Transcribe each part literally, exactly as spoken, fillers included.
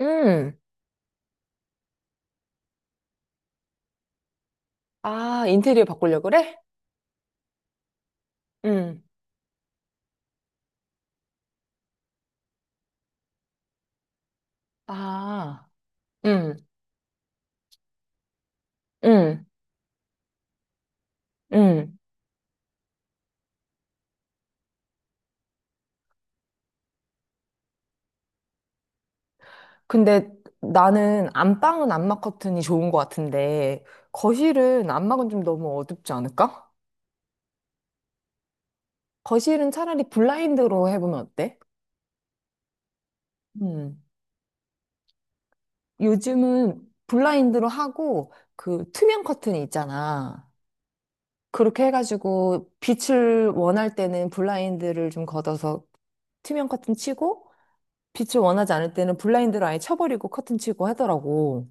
음. 아, 인테리어 바꾸려고 그래? 음. 아, 음, 음, 음. 근데 나는 안방은 안막 커튼이 좋은 것 같은데, 거실은 안막은 좀 너무 어둡지 않을까? 거실은 차라리 블라인드로 해보면 어때? 음. 요즘은 블라인드로 하고, 그 투명 커튼이 있잖아. 그렇게 해가지고 빛을 원할 때는 블라인드를 좀 걷어서 투명 커튼 치고, 빛을 원하지 않을 때는 블라인드를 아예 쳐버리고 커튼 치고 하더라고.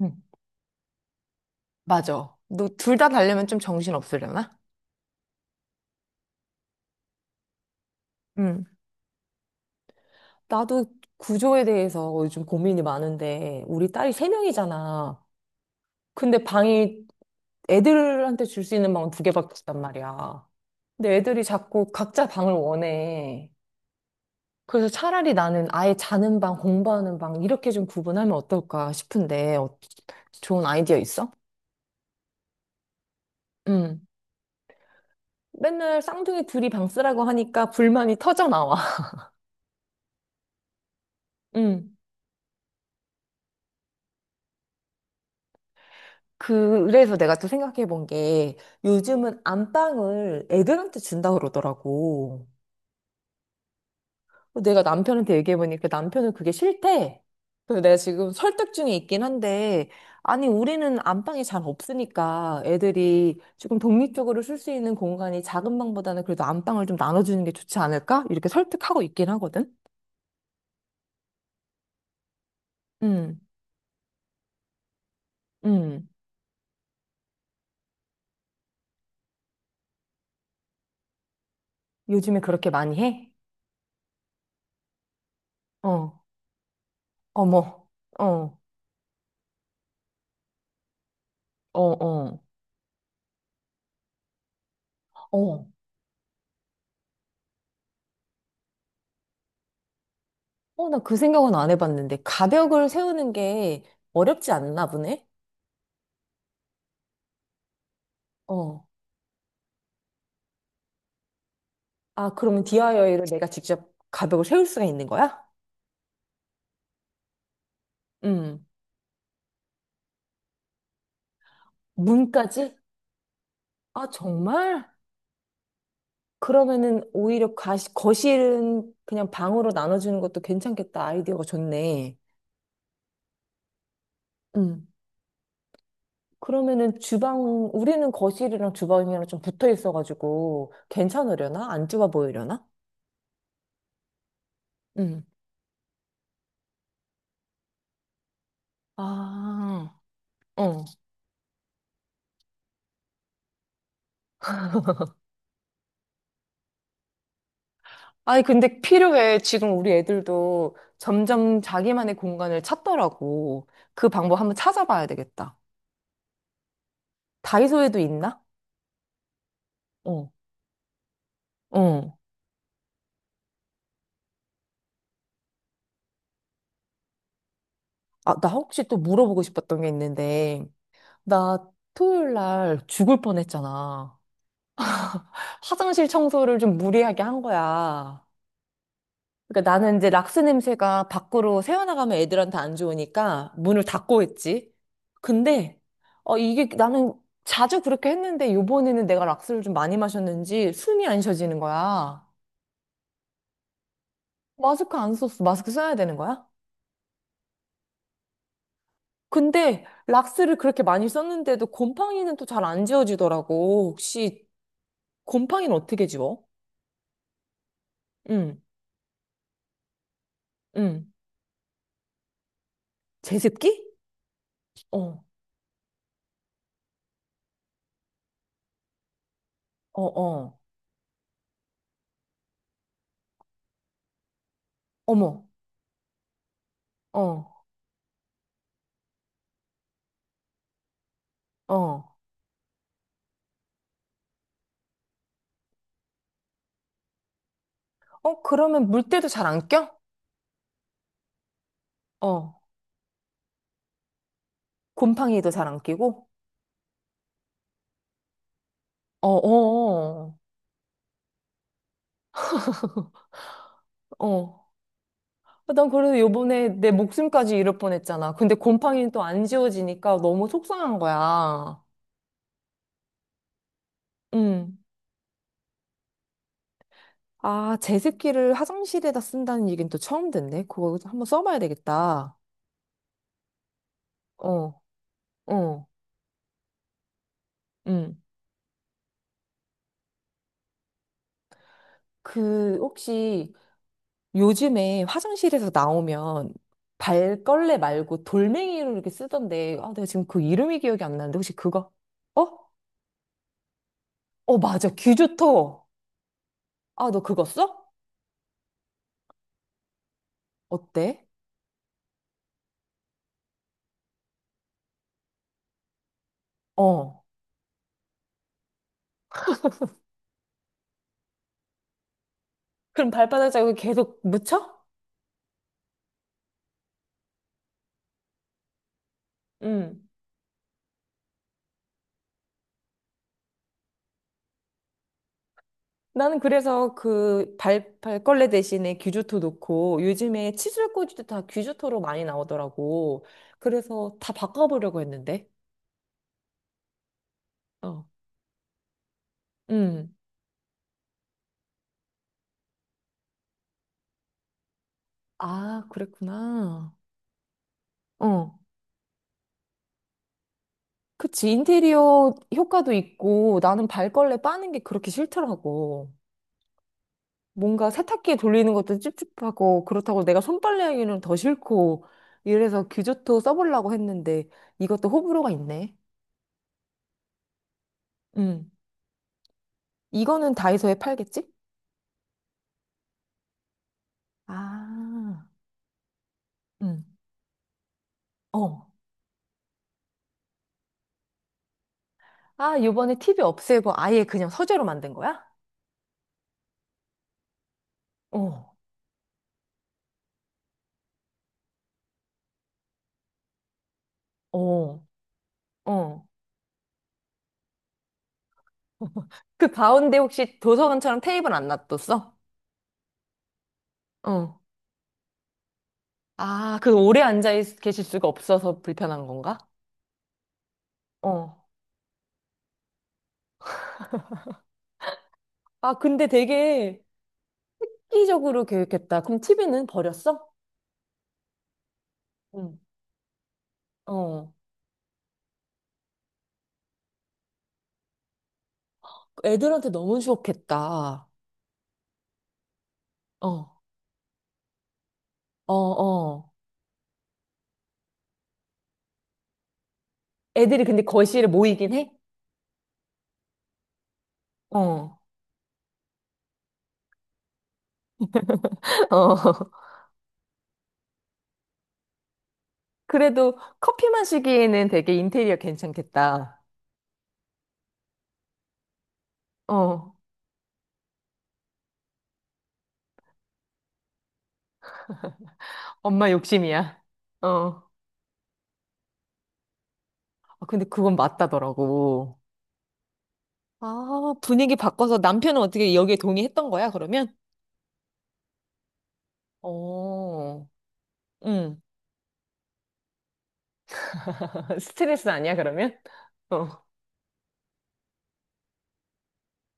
응, 맞아. 너 둘 다 달려면 좀 정신 없으려나? 응. 나도 구조에 대해서 요즘 고민이 많은데, 우리 딸이 세 명이잖아. 근데 방이 애들한테 줄 수 있는 방은 두 개밖에 없단 말이야. 근데 애들이 자꾸 각자 방을 원해. 그래서 차라리 나는 아예 자는 방, 공부하는 방, 이렇게 좀 구분하면 어떨까 싶은데, 어, 좋은 아이디어 있어? 맨날 쌍둥이 둘이 방 쓰라고 하니까 불만이 터져 나와. 음. 그래서 내가 또 생각해 본 게 요즘은 안방을 애들한테 준다 그러더라고. 내가 남편한테 얘기해 보니까 남편은 그게 싫대. 그래서 내가 지금 설득 중에 있긴 한데, 아니, 우리는 안방이 잘 없으니까 애들이 조금 독립적으로 쓸 수 있는 공간이 작은 방보다는 그래도 안방을 좀 나눠주는 게 좋지 않을까? 이렇게 설득하고 있긴 하거든? 음, 음. 요즘에 그렇게 많이 해? 어. 어머, 어, 어, 어, 어. 어, 나 그 생각은 안 해봤는데. 가벽을 세우는 게 어렵지 않나 보네? 어. 아, 그러면 디아이와이를 내가 직접 가벽을 세울 수가 있는 거야? 음. 문까지? 아, 정말? 그러면은 오히려 가시, 거실은 그냥 방으로 나눠주는 것도 괜찮겠다. 아이디어가 좋네. 음. 그러면은 주방, 우리는 거실이랑 주방이랑 좀 붙어 있어가지고 괜찮으려나? 안 좁아 보이려나? 음. 아. 어. 아니, 근데 필요해. 지금 우리 애들도 점점 자기만의 공간을 찾더라고. 그 방법 한번 찾아봐야 되겠다. 다이소에도 있나? 어, 어. 아, 나 혹시 또 물어보고 싶었던 게 있는데, 나 토요일 날 죽을 뻔했잖아. 화장실 청소를 좀 무리하게 한 거야. 그러니까 나는 이제 락스 냄새가 밖으로 새어나가면 애들한테 안 좋으니까 문을 닫고 했지. 근데 어 이게 나는 자주 그렇게 했는데 요번에는 내가 락스를 좀 많이 마셨는지 숨이 안 쉬어지는 거야. 마스크 안 썼어. 마스크 써야 되는 거야? 근데 락스를 그렇게 많이 썼는데도 곰팡이는 또 잘 안 지워지더라고. 혹시 곰팡이는 어떻게 지워? 응, 응. 제습기? 어, 어, 어. 어머, 어, 어. 어, 그러면 물때도 잘 안 껴? 어. 곰팡이도 잘 안 끼고? 어, 어, 어. 어. 난 그래도 요번에 내 목숨까지 잃을 뻔했잖아. 근데 곰팡이는 또 안 지워지니까 너무 속상한 거야. 음. 아, 제습기를 화장실에다 쓴다는 얘기는 또 처음 듣네. 그거 한번 써봐야 되겠다. 어, 어, 음. 그, 혹시 요즘에 화장실에서 나오면 발걸레 말고 돌멩이로 이렇게 쓰던데, 아, 내가 지금 그 이름이 기억이 안 나는데, 혹시 그거? 어? 어, 맞아. 귀좋토. 아, 너 그거 써? 어때? 어. 그럼 발바닥 자국이 계속 묻혀? 응. 나는 그래서 그 발, 발걸레 대신에 귀주토 넣고 요즘에 칫솔 꽂이도 다 귀주토로 많이 나오더라고. 그래서 다 바꿔보려고 했는데. 어. 응. 아, 그랬구나. 어. 그치. 인테리어 효과도 있고 나는 발걸레 빠는 게 그렇게 싫더라고. 뭔가 세탁기에 돌리는 것도 찝찝하고 그렇다고 내가 손빨래 하기는 더 싫고 이래서 규조토 써보려고 했는데 이것도 호불호가 있네. 음. 이거는 다이소에 팔겠지? 아. 음. 어. 아, 요번에 티비 없애고 아예 그냥 서재로 만든 거야? 어. 어. 어. 그 가운데 혹시 도서관처럼 테이블 안 놔뒀어? 어. 아, 그 오래 앉아 있- 계실 수가 없어서 불편한 건가? 어. 아, 근데 되게 획기적으로 계획했다. 그럼 티비는 버렸어? 응. 어. 애들한테 너무 좋겠다. 어. 어, 어. 애들이 근데 거실에 모이긴 해? 어. 어. 그래도 커피만 시기에는 되게 인테리어 괜찮겠다. 어. 엄마 욕심이야. 어. 아, 근데 그건 맞다더라고. 아, 분위기 바꿔서 남편은 어떻게 여기에 동의했던 거야, 그러면? 어. 응. 스트레스 아니야, 그러면? 어.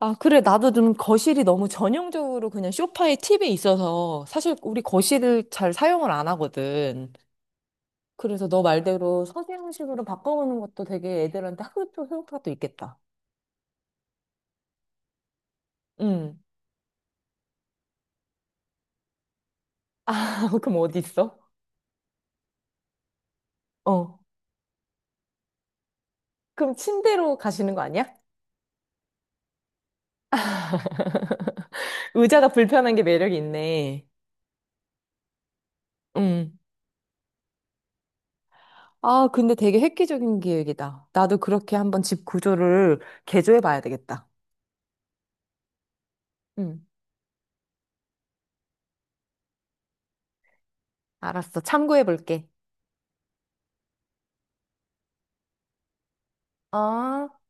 아, 그래. 나도 좀 거실이 너무 전형적으로 그냥 소파에 팁이 있어서 사실 우리 거실을 잘 사용을 안 하거든. 그래서 너 말대로 서재형식으로 바꿔보는 것도 되게 애들한테 학교 효과가 또 있겠다. 응. 그럼 어디 있어? 어. 그럼 침대로 가시는 거 아니야? 의자가 불편한 게 매력이 있네. 응. 아, 근데 되게 획기적인 기획이다. 나도 그렇게 한번 집 구조를 개조해 봐야 되겠다. 응. 알았어. 참고해 볼게. 어.